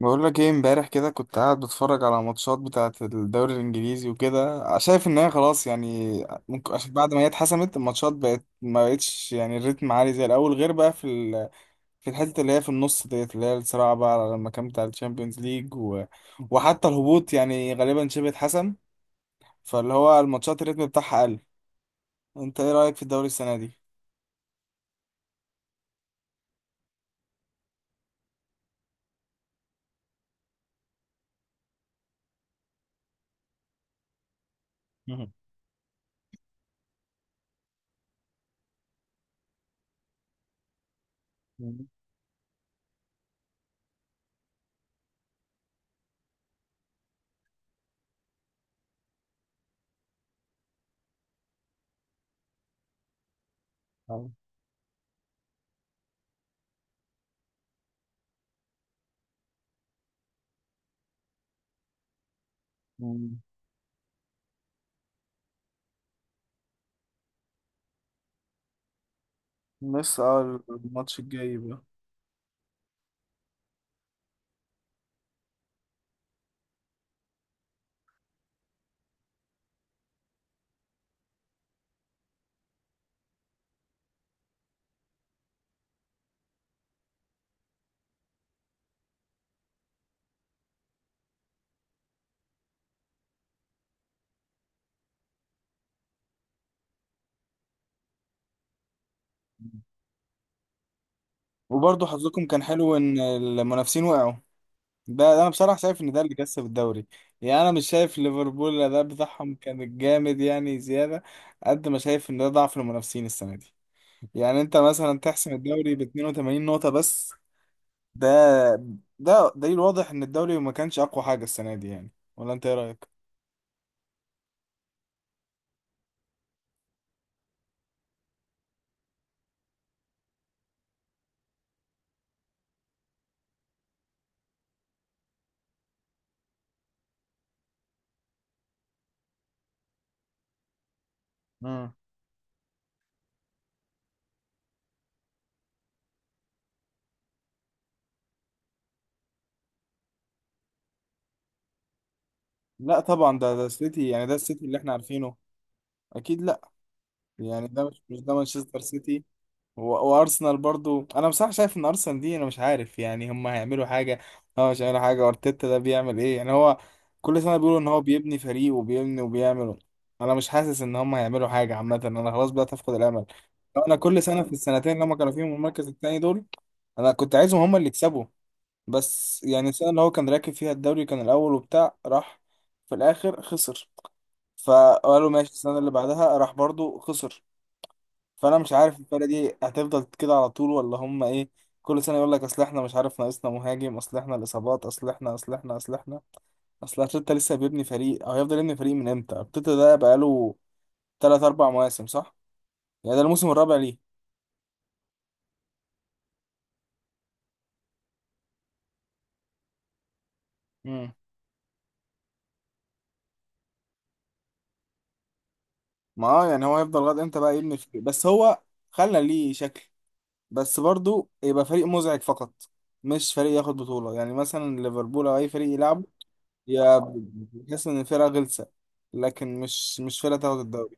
بقول لك ايه، امبارح كده كنت قاعد بتفرج على ماتشات بتاعة الدوري الانجليزي، وكده شايف ان هي خلاص يعني ممكن عشان بعد ما هي اتحسمت الماتشات بقت ما بقتش، يعني الريتم عالي زي الاول، غير بقى في في الحتة اللي هي في النص ديت، اللي هي الصراع بقى على المكان بتاع الشامبيونز ليج وحتى الهبوط، يعني غالبا شبه اتحسم. فاللي هو الماتشات الريتم بتاعها قل. انت ايه رأيك في الدوري السنة دي؟ مهم. مهم. أه. مم. لسه الماتش الجاي بقى. وبرضه حظكم كان حلو ان المنافسين وقعوا. ده انا بصراحه شايف ان ده اللي كسب الدوري، يعني انا مش شايف ليفربول الاداء بتاعهم كان جامد يعني زياده، قد ما شايف ان ده ضعف المنافسين السنه دي. يعني انت مثلا تحسم الدوري ب 82 نقطه بس، ده ده دليل واضح ان الدوري ما كانش اقوى حاجه السنه دي، يعني ولا انت ايه رايك. مم. لا طبعا، ده السيتي، يعني ده السيتي اللي احنا عارفينه. اكيد لا. يعني ده مش ده مانشستر سيتي. و- وارسنال برضو، انا بصراحه شايف ان ارسنال دي، انا مش عارف يعني هم هيعملوا حاجه. اه مش هيعملوا حاجه. ارتيتا ده بيعمل ايه، يعني هو كل سنه بيقولوا ان هو بيبني فريق وبيبني وبيعمل. انا مش حاسس ان هم هيعملوا حاجه عامه، انا خلاص بدات افقد الامل. انا كل سنه في السنتين اللي هم كانوا فيهم المركز الثاني دول، انا كنت عايزهم هم اللي يكسبوا. بس يعني السنه اللي هو كان راكب فيها الدوري كان الاول وبتاع، راح في الاخر خسر. فقالوا ماشي، السنه اللي بعدها راح برضو خسر. فانا مش عارف الفرقه دي هتفضل كده على طول ولا هم ايه. كل سنه يقول لك، اصل احنا مش عارف ناقصنا مهاجم، اصل احنا الاصابات، اصل احنا، اصل احنا، اصل احنا، اصل ارتيتا لسه بيبني فريق، او هيفضل يبني فريق من امتى؟ ارتيتا ده بقاله 3 4 مواسم صح، يعني ده الموسم الرابع ليه. امم ما يعني هو هيفضل لغايه امتى بقى يبني الفريق؟ بس هو خلى ليه شكل، بس برضو يبقى فريق مزعج فقط، مش فريق ياخد بطوله، يعني مثلا ليفربول او اي فريق يلعبه، يا بتحس ان الفرقه غلسه، لكن مش فرقه تاخد الدوري.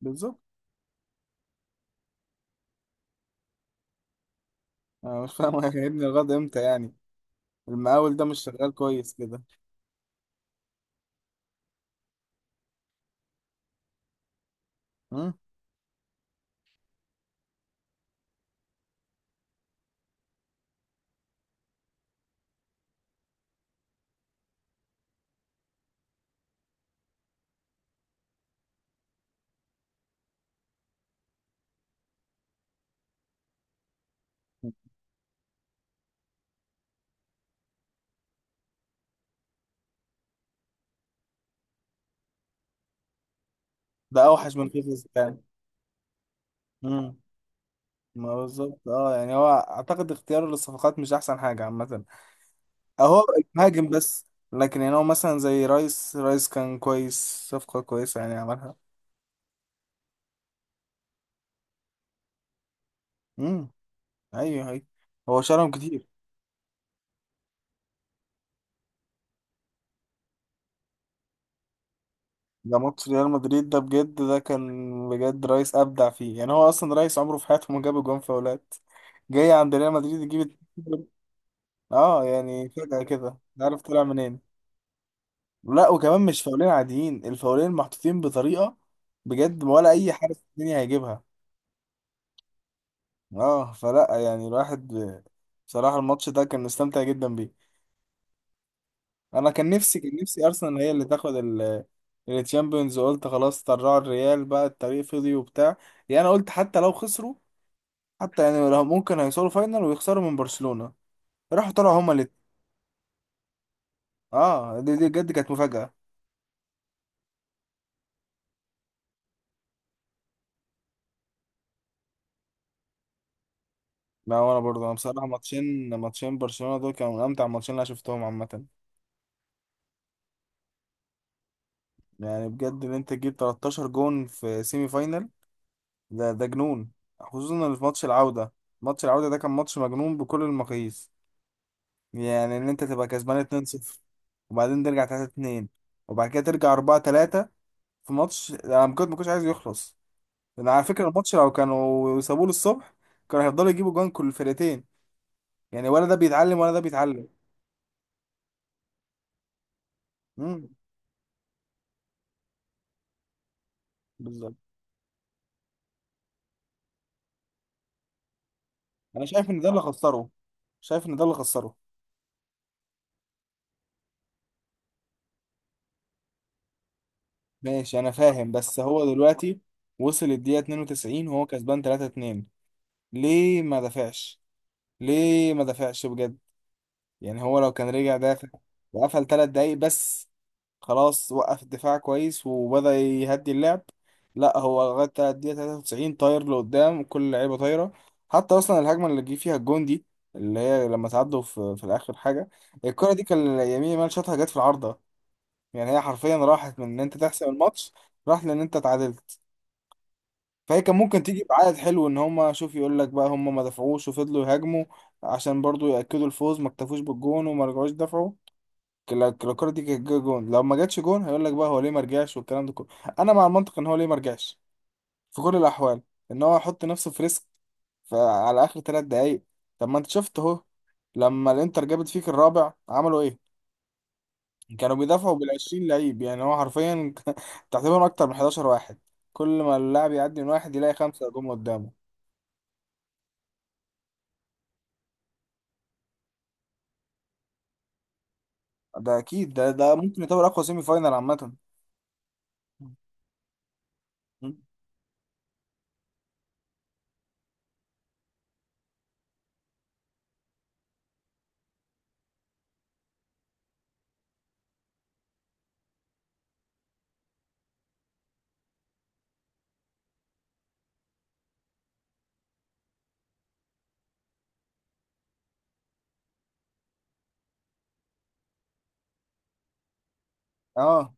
بالظبط. انا مش فاهم هيبني الغد امتى يعني. المقاول ده مش شغال كويس كده. مم. ده اوحش من فيفيز كان. مم. ما بالظبط، يعني هو اعتقد اختياره للصفقات مش احسن حاجه عامه. اهو، مهاجم بس. لكن يعني هو مثلا زي رايس كان كويس، صفقه كويسه يعني عملها. امم. ايوه ايوه. هو شالهم كتير. ده ماتش ريال مدريد ده بجد، ده كان بجد، رايس ابدع فيه. يعني هو اصلا رايس عمره في حياته ما جاب جون فاولات، جاي عند ريال مدريد يجيب. اه يعني فجأة كده، مش عارف طلع منين. لا وكمان مش فاولين عاديين، الفاولين محطوطين بطريقة بجد، ولا اي حارس في الدنيا هيجيبها. اه فلا يعني الواحد بصراحة الماتش ده كان مستمتع جدا بيه. انا كان نفسي ارسنال هي اللي تاخد التشامبيونز، وقلت خلاص طلعوا الريال بقى الطريق فضي وبتاع، يعني انا قلت حتى لو خسروا، حتى يعني لو ممكن هيوصلوا فاينل ويخسروا من برشلونة. راحوا طلعوا هما الاتنين. دي بجد كانت مفاجأة. لا وانا برضه، انا بصراحه ماتشين برشلونه دول كانوا من امتع الماتشين اللي انا شفتهم عامه. يعني بجد، ان انت تجيب 13 جون في سيمي فاينال، ده جنون. خصوصا إن في ماتش العوده ده كان ماتش مجنون بكل المقاييس. يعني ان انت تبقى كسبان 2-0، وبعدين ترجع 3-2، وبعد كده ترجع 4-3، في ماتش انا ما كنتش عايز يخلص. انا على فكره الماتش لو كانوا سابوه للصبح، كانوا هيفضلوا يجيبوا جوان كل الفرقتين، يعني ولا ده بيتعلم ولا ده بيتعلم. امم بالظبط. انا شايف ان ده اللي خسره، شايف ان ده اللي خسره. ماشي انا فاهم، بس هو دلوقتي وصل الدقيقة 92 وهو كسبان 3-2، ليه ما دافعش؟ ليه ما دافعش بجد؟ يعني هو لو كان رجع دافع وقفل 3 دقايق بس، خلاص وقف الدفاع كويس وبدأ يهدي اللعب. لا هو لغاية الدقيقة 93 طاير لقدام، كل اللعيبة طايرة، حتى أصلا الهجمة اللي جه فيها الجون دي، اللي هي لما تعدوا في الآخر حاجة، الكرة دي كان يمين يامال شاطها جت في العارضة. يعني هي حرفيا راحت من ان انت تحسم الماتش، راحت لان انت اتعادلت. فهي كان ممكن تيجي بعائد حلو، ان هما شوف يقول لك بقى هما ما دفعوش وفضلوا يهاجموا عشان برضو ياكدوا الفوز، ما اكتفوش بالجون وما رجعوش دفعوا. لو الكره دي كانت جه جون، لو ما جاتش جون هيقول لك بقى هو ليه ما رجعش والكلام ده كله. انا مع المنطق ان هو ليه ما رجعش، في كل الاحوال، ان هو يحط نفسه في ريسك فعلى اخر ثلاث دقايق. طب ما انت شفت اهو لما الانتر جابت فيك الرابع عملوا ايه، كانوا بيدافعوا بال 20 لعيب، يعني هو حرفيا تقريبا اكتر من 11 واحد، كل ما اللاعب يعدي من واحد يلاقي خمسه جم قدامه. ده اكيد، ده ممكن يعتبر اقوى سيمي فاينال عامه. اه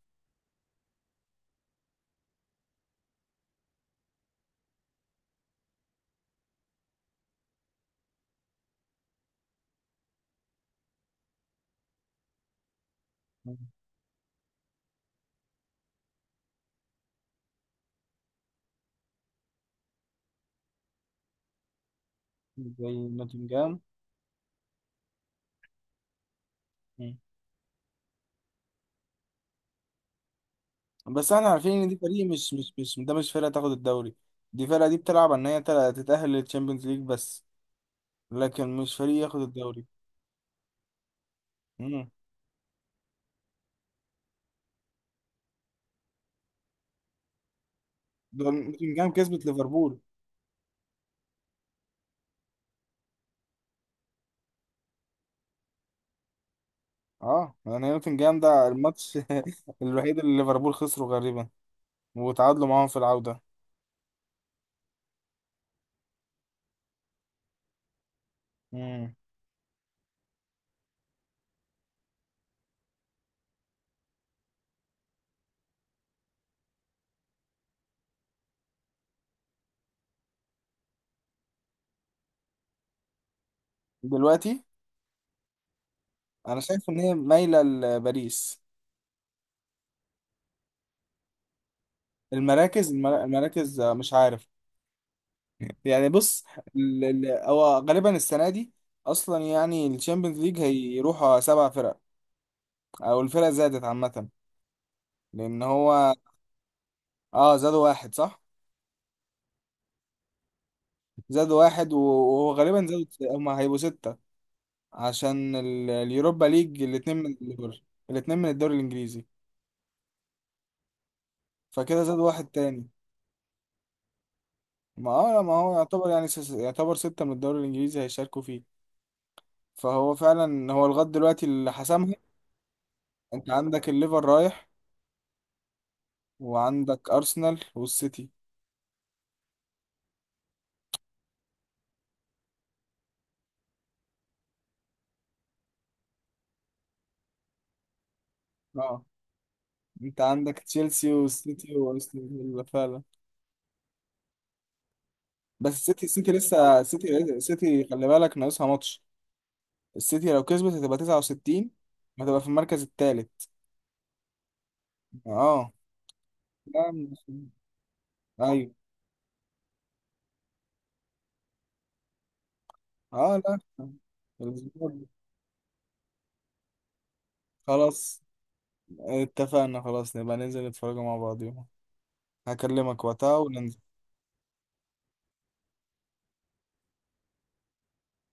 زي نوتنجهام. بس احنا عارفين ان دي فريق مش ده مش فرقه تاخد الدوري، دي فرقه دي بتلعب ان هي تتاهل للتشامبيونز ليج بس، لكن مش فريق ياخد الدوري. مم. ده نوتنجهام كسبت ليفربول. اه يعني نوتنجهام ده الماتش الوحيد اللي ليفربول خسره غالبا، وتعادلوا معاهم في العودة. مم. دلوقتي انا شايف ان هي مايلة لباريس. المراكز، مش عارف، يعني بص، هو غالبا السنة دي اصلا، يعني الشامبيونز ليج هيروحوا سبع فرق، او الفرق زادت عامة، لان هو اه زادوا واحد صح، زادوا واحد وهو غالبا زادوا هم هيبقوا ستة، عشان اليوروبا ليج، الاتنين من الدوري الانجليزي. فكده زادوا واحد تاني. ما هو يعتبر يعني، يعتبر ستة من الدوري الإنجليزي هيشاركوا فيه. فهو فعلا هو لغاية دلوقتي اللي حسمها. أنت عندك الليفر رايح، وعندك أرسنال والسيتي. اه أنت عندك تشيلسي والسيتي وأرسنال فيلا فعلا. بس السيتي لسه، السيتي خلي بالك ناقصها ماتش. السيتي لو كسبت هتبقى 69، هتبقى في المركز الثالث. اه. لا ايوه. اه لا. الأسبوع ده. خلاص، اتفقنا، خلاص نبقى ننزل نتفرجوا مع بعض، هكلمك وقتها وننزل.